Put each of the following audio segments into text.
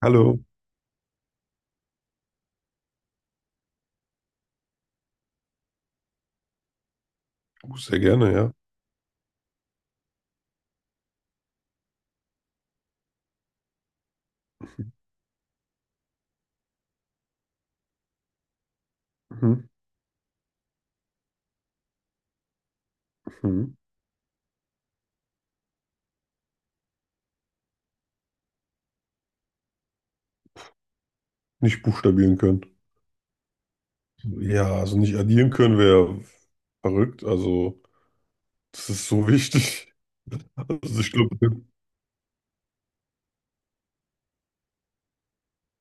Hallo, oh, sehr gerne, ja. Mhm. Mhm. Nicht buchstabieren können. Ja, also nicht addieren können wäre verrückt. Also, das ist so wichtig. Also, ich glaube,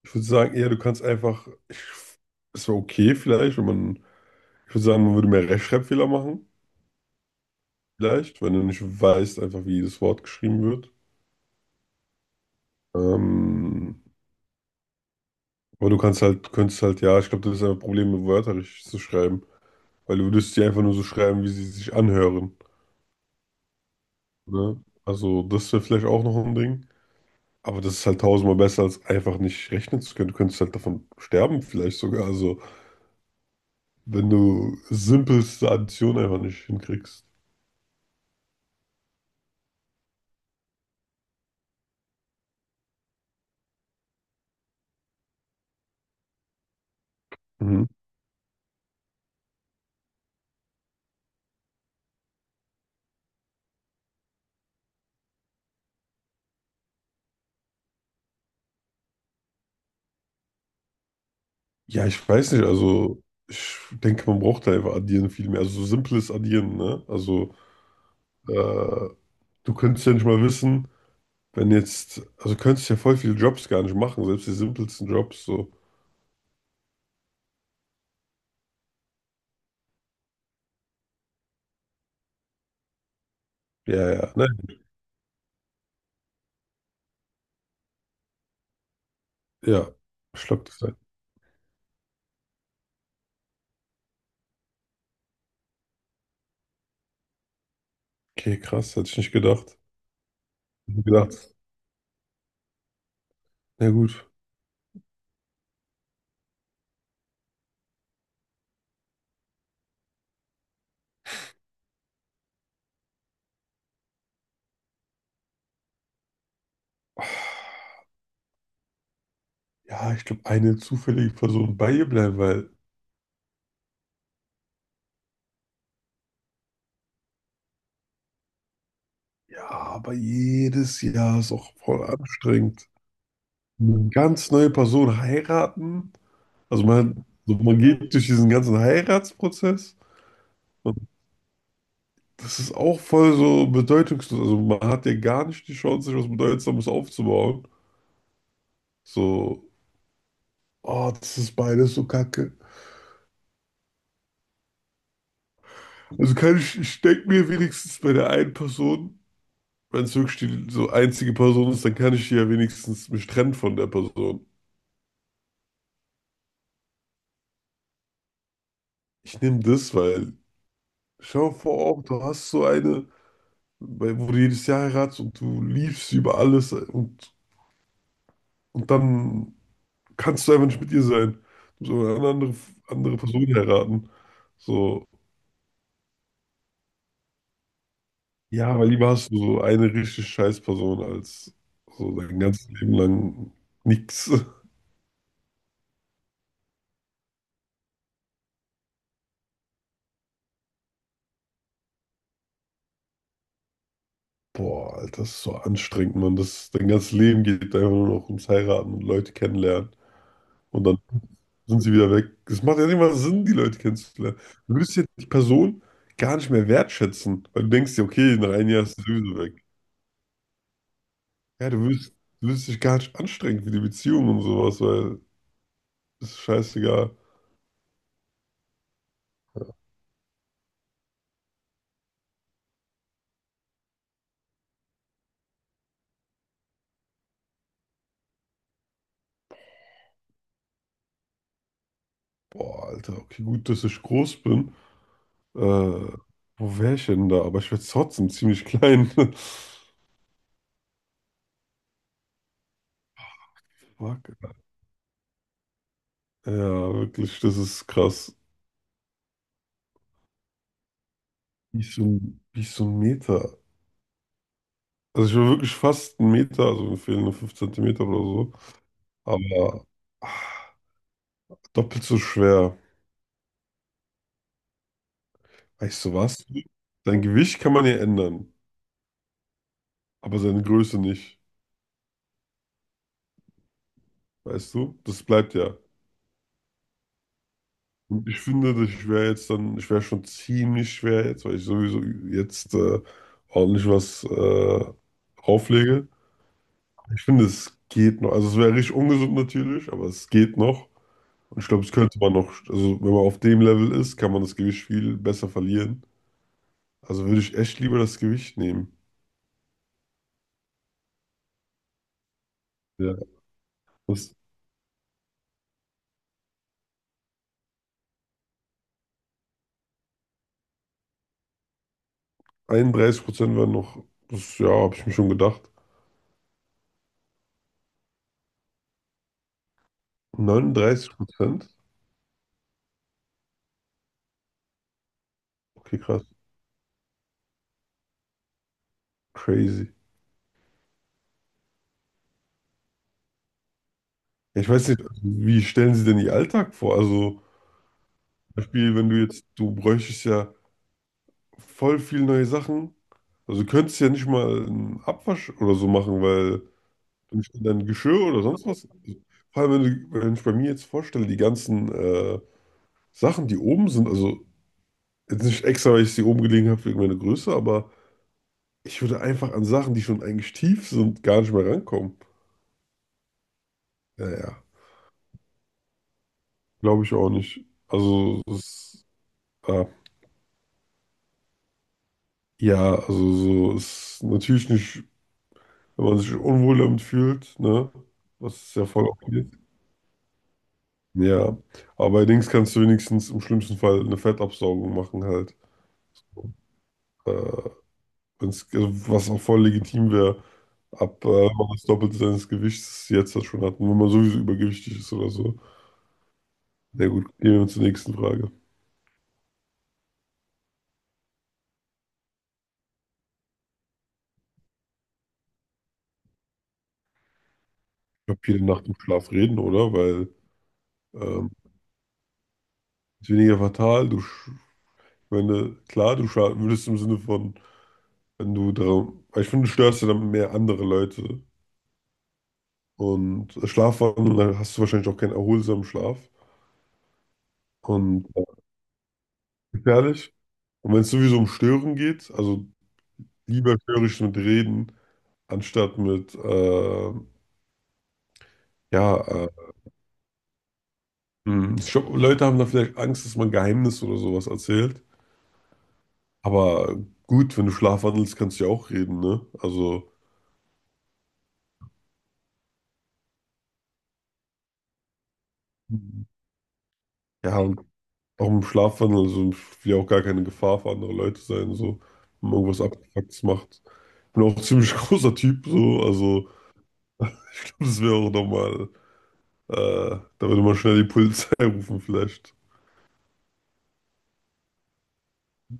ich würde sagen, eher, du kannst einfach, ich, es wäre okay vielleicht, wenn man, ich würde sagen, man würde mehr Rechtschreibfehler machen, vielleicht, wenn du nicht weißt, einfach wie jedes Wort geschrieben wird. Ähm, aber du könntest halt, ja, ich glaube, das ist ein Problem, Wörter richtig zu schreiben, weil du würdest die einfach nur so schreiben, wie sie sich anhören. Ne? Also, das wäre vielleicht auch noch ein Ding. Aber das ist halt tausendmal besser, als einfach nicht rechnen zu können. Du könntest halt davon sterben, vielleicht sogar. Also, wenn du simpelste Addition einfach nicht hinkriegst. Mhm. Ja, ich weiß nicht. Also, ich denke, man braucht da einfach Addieren viel mehr. Also, so simples Addieren, ne? Also, äh, du könntest ja nicht mal wissen, wenn jetzt. Also, könntest ja voll viele Jobs gar nicht machen, selbst die simpelsten Jobs. So, ja, ja, ne? Ja, schluckt das ein. Okay, krass, hätte ich nicht gedacht. Hätte ich gedacht. Na gut. Ja, ich glaube, eine zufällige Person bei ihr bleiben, weil ja, aber jedes Jahr ist auch voll anstrengend. Eine ganz neue Person heiraten. Also man, so man geht durch diesen ganzen Heiratsprozess und das ist auch voll so bedeutungslos. Also man hat ja gar nicht die Chance, sich was Bedeutsames aufzubauen. So, oh, das ist beides so kacke. Also kann ich, ich denke mir wenigstens bei der einen Person, wenn es wirklich die so einzige Person ist, dann kann ich die ja wenigstens mich trennen von der Person. Ich nehme das, weil schau vor auch, du hast so eine, bei- wo du jedes Jahr heiratest und du liebst sie über alles und dann kannst du einfach nicht mit ihr sein. Du musst aber eine andere, andere Person heiraten. So, ja, weil lieber hast du so eine richtig scheiß Person als so dein ganzes Leben lang nix. Boah, Alter, das ist so anstrengend, Mann. Das, dein ganzes Leben geht einfach nur noch ums Heiraten und Leute kennenlernen. Und dann sind sie wieder weg. Es macht ja nicht mal Sinn, die Leute kennenzulernen. Du würdest ja die Person gar nicht mehr wertschätzen, weil du denkst dir, okay, nach einem Jahr ist sie sowieso weg. Ja, du würdest dich gar nicht anstrengen für die Beziehung und sowas, weil es ist scheißegal. Boah, Alter, okay, gut, dass ich groß bin. Äh, Wo wäre ich denn da? Aber ich werde trotzdem ziemlich klein. Fuck. Ja, wirklich, das ist krass. Wie so ein Meter. Also ich war wirklich fast einen Meter, also mir fehlen nur 5 Zentimeter oder so. Aber ah, doppelt so schwer. Weißt du was? Dein Gewicht kann man ja ändern, aber seine Größe nicht. Weißt du? Das bleibt ja. Und ich finde, dass ich wäre jetzt dann, ich wäre schon ziemlich schwer jetzt, weil ich sowieso jetzt ordentlich was auflege. Ich finde, es geht noch. Also es wäre richtig ungesund natürlich, aber es geht noch. Und ich glaube, es könnte man noch, also wenn man auf dem Level ist, kann man das Gewicht viel besser verlieren. Also würde ich echt lieber das Gewicht nehmen. Ja. Das, 31% waren noch, das, ja, habe ich mir schon gedacht. 39%? Okay, krass. Crazy. Ja, ich weiß nicht, wie stellen Sie denn Ihr Alltag vor? Also, zum Beispiel, wenn du jetzt, du bräuchtest ja voll viel neue Sachen. Also, du könntest ja nicht mal einen Abwasch oder so machen, weil du nicht dein Geschirr oder sonst was. Vor allem, wenn, du, wenn ich bei mir jetzt vorstelle, die ganzen Sachen, die oben sind, also jetzt nicht extra, weil ich sie oben gelegen habe wegen meiner Größe, aber ich würde einfach an Sachen, die schon eigentlich tief sind, gar nicht mehr rankommen. Ja, ja, glaube ich auch nicht. Also, es, ah, ja, also so ist natürlich nicht, wenn man sich unwohl damit fühlt, ne? Das ist ja voll okay. Ja, aber bei Dings kannst du wenigstens im schlimmsten Fall eine Fettabsaugung machen halt. Äh, Wenn's, also was auch voll legitim wäre, ab wenn man das Doppelte seines Gewichts jetzt das schon hat. Und wenn man sowieso übergewichtig ist oder so. Na gut, gehen wir zur nächsten Frage. Glaube, jede Nacht im Schlaf reden, oder? Weil ähm, ist weniger fatal. Du, sch- wenn du, klar, du schaden würdest im Sinne von, wenn du darum, weil ich finde, du störst ja dann mehr andere Leute. Und Schlafwandeln, dann hast du wahrscheinlich auch keinen erholsamen Schlaf. Und gefährlich. Und wenn es sowieso um Stören geht, also lieber störe ich mit Reden, anstatt mit, ja, hm, ich glaub, Leute haben da vielleicht Angst, dass man Geheimnis oder sowas erzählt. Aber gut, wenn du schlafwandelst, kannst du ja auch reden, ne? Also, ja, und auch im Schlafwandel, also ich will ja auch gar keine Gefahr für andere Leute sein, so, wenn man irgendwas Abgefucktes macht. Bin auch ein ziemlich großer Typ, so, also ich glaube, das wäre auch nochmal, da würde man schnell die Polizei rufen, vielleicht.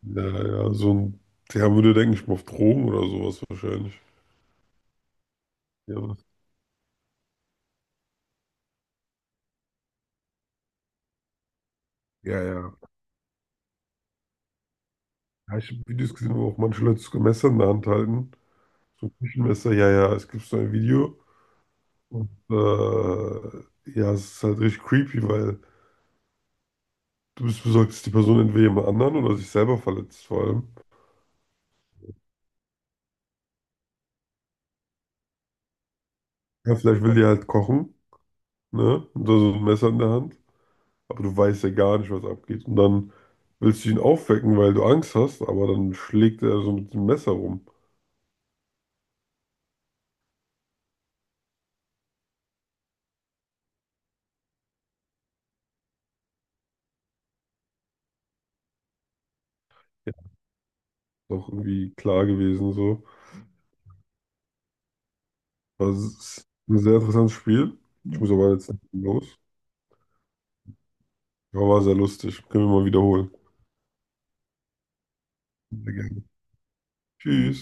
Ja, ja, so ein, der würde, denke ich mal, auf Drogen oder sowas wahrscheinlich. Ja, ja, ja. Ja, ich habe Videos gesehen, wo auch manche Leute sogar Messer in der Hand halten. So ein Küchenmesser, ja, ja, es gibt so ein Video. Und ja, es ist halt richtig creepy, weil. Du bist besorgt, dass die Person entweder jemand anderen oder sich selber verletzt, vor allem. Ja, vielleicht will die halt kochen, ne? Und da so ein Messer in der Hand. Aber du weißt ja gar nicht, was abgeht. Und dann willst du ihn aufwecken, weil du Angst hast, aber dann schlägt er so mit dem Messer rum. Ist auch irgendwie klar gewesen, so. Das ist ein sehr interessantes Spiel. Ich muss aber jetzt los. Aber war sehr lustig. Können wir mal wiederholen. Sehr gerne. Tschüss.